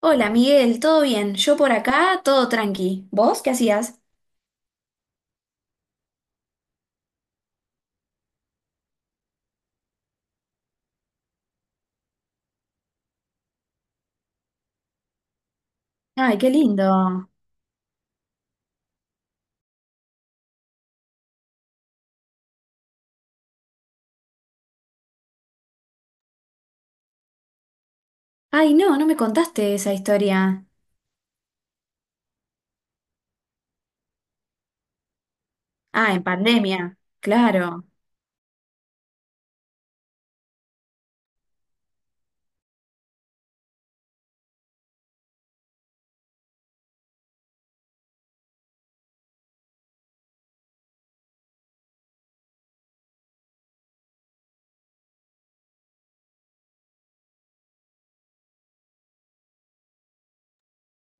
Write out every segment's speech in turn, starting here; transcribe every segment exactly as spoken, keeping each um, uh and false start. Hola Miguel, ¿todo bien? Yo por acá, todo tranqui. ¿Vos qué hacías? Ay, qué lindo. Ay, no, no me contaste esa historia. Ah, en pandemia. Claro.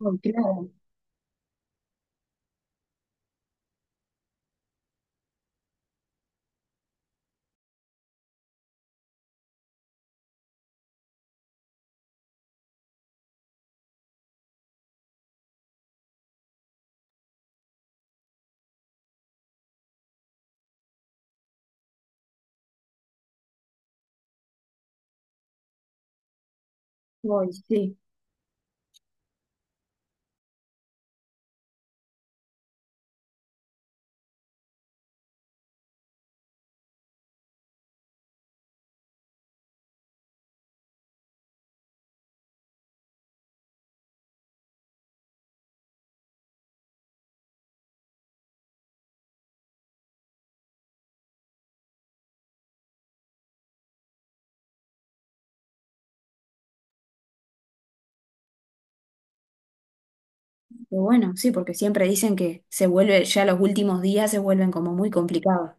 Oh, claro. Uy, sí. Pero bueno, sí, porque siempre dicen que se vuelve, ya los últimos días se vuelven como muy complicados.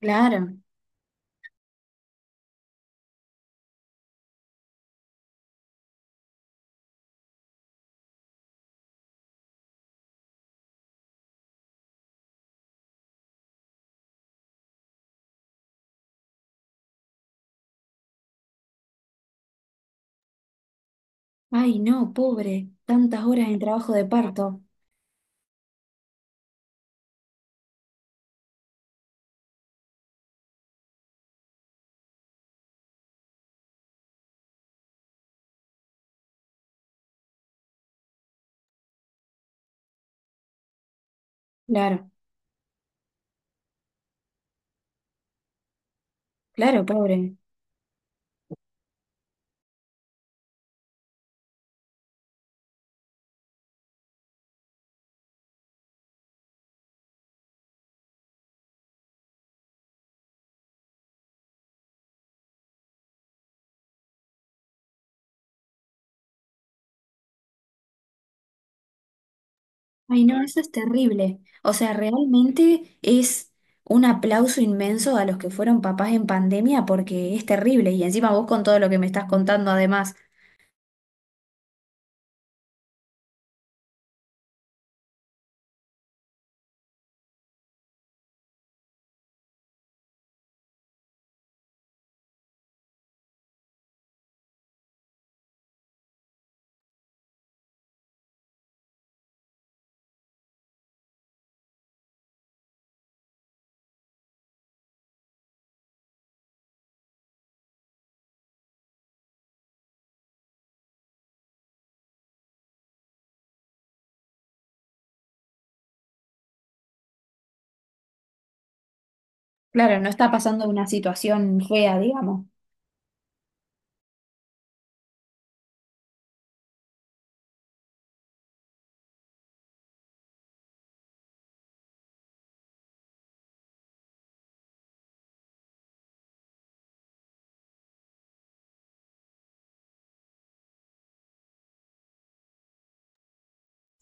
Claro. Ay, no, pobre. Tantas horas en trabajo de parto. Claro, claro, pobre. Ay, no, eso es terrible. O sea, realmente es un aplauso inmenso a los que fueron papás en pandemia porque es terrible. Y encima vos con todo lo que me estás contando, además, claro, no está pasando una situación fea, digamos.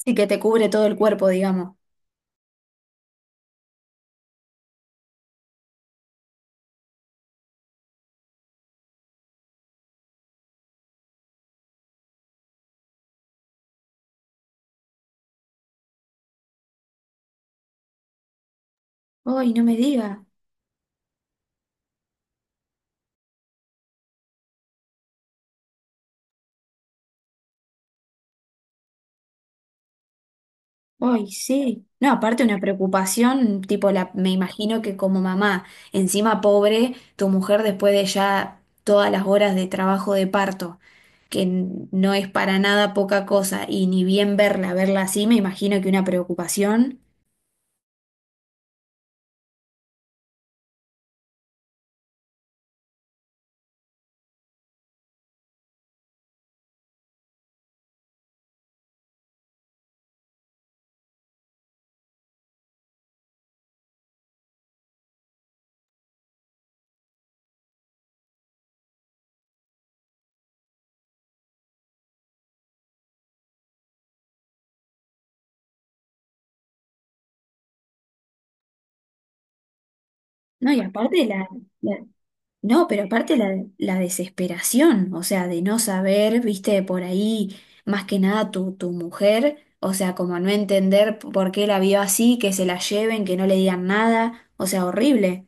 Sí que te cubre todo el cuerpo, digamos. Ay, no me diga. Ay, sí. No, aparte una preocupación, tipo la, me imagino que como mamá, encima pobre, tu mujer después de ya todas las horas de trabajo de parto, que n- no es para nada poca cosa, y ni bien verla, verla así, me imagino que una preocupación. No, y aparte la, la- no, pero aparte la, la desesperación, o sea, de no saber, viste, por ahí, más que nada tu, tu mujer, o sea, como no entender p- por qué la vio así, que se la lleven, que no le digan nada, o sea, horrible,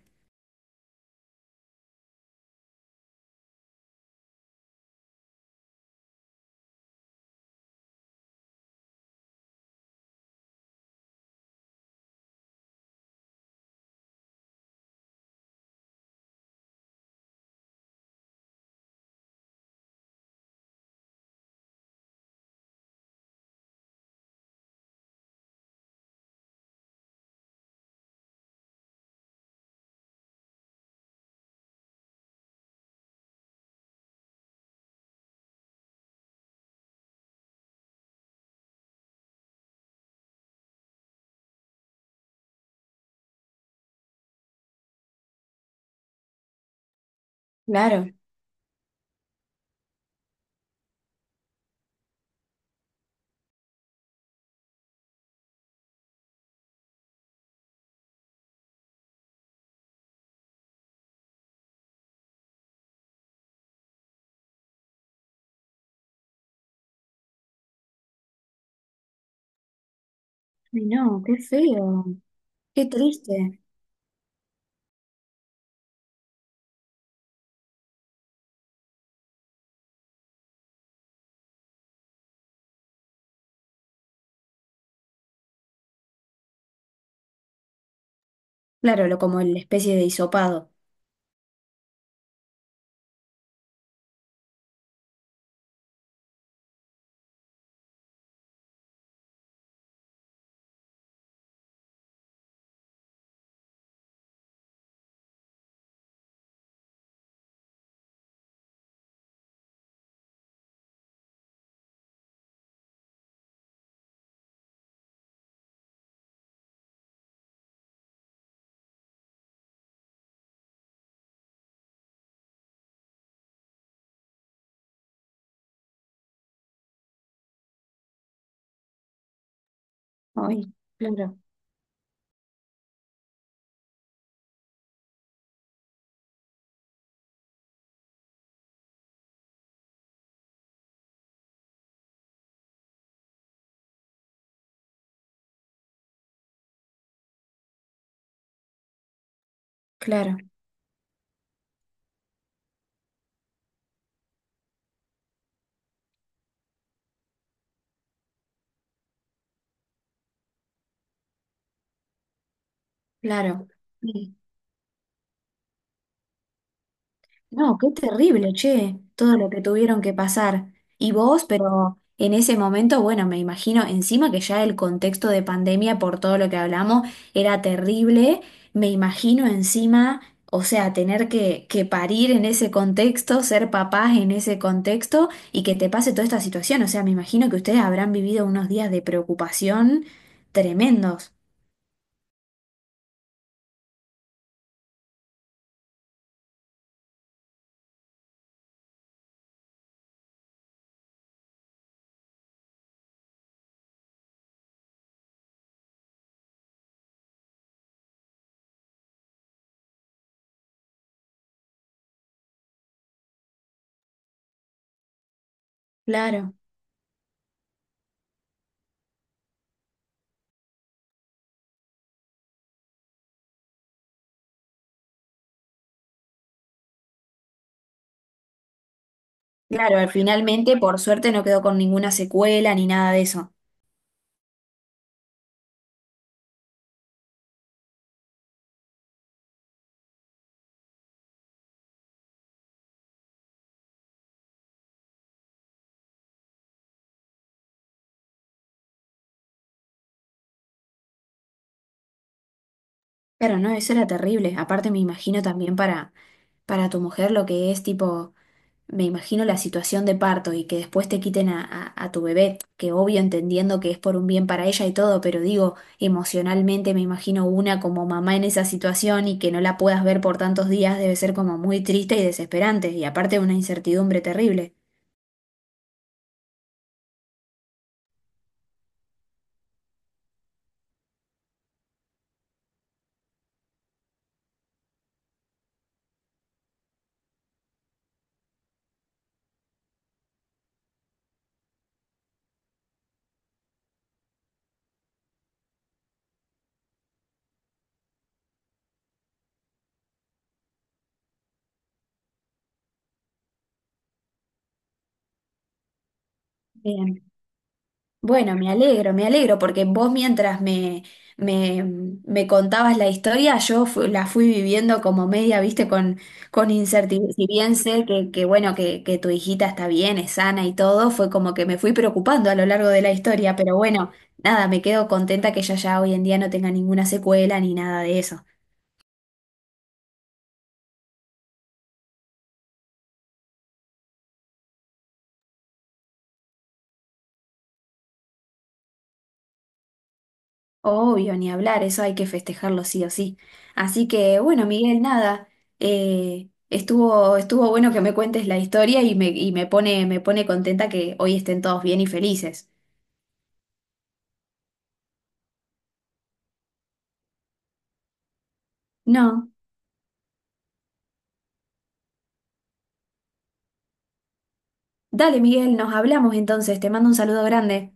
claro. Ay, no, qué feo, qué triste. Claro, lo como la especie de hisopado. Ay, claro, claro, claro. No, qué terrible, che, todo lo que tuvieron que pasar. Y vos, pero en ese momento, bueno, me imagino, encima que ya el contexto de pandemia, por todo lo que hablamos, era terrible, me imagino encima, o sea, tener que, que parir en ese contexto, ser papás en ese contexto y que te pase toda esta situación. O sea, me imagino que ustedes habrán vivido unos días de preocupación tremendos. Claro. Claro, finalmente, por suerte, no quedó con ninguna secuela ni nada de eso. Pero no, eso era terrible. Aparte me imagino también para, para tu mujer lo que es tipo, me imagino la situación de parto y que después te quiten a, a- a tu bebé, que obvio entendiendo que es por un bien para ella y todo, pero digo, emocionalmente me imagino una como mamá en esa situación y que no la puedas ver por tantos días debe ser como muy triste y desesperante y aparte una incertidumbre terrible. Bueno, me alegro, me alegro, porque vos mientras me, me, me contabas la historia, yo fu- la fui viviendo como media, viste, con, con incertidumbre. Si bien sé que, que bueno, que, que tu hijita está bien, es sana y todo, fue como que me fui preocupando a lo largo de la historia, pero bueno, nada, me quedo contenta que ella ya hoy en día no tenga ninguna secuela ni nada de eso. Obvio, ni hablar, eso hay que festejarlo sí o sí. Así que bueno, Miguel, nada, eh, estuvo, estuvo bueno que me cuentes la historia y me, y me pone, me pone contenta que hoy estén todos bien y felices. No, dale, Miguel, nos hablamos entonces, te mando un saludo grande.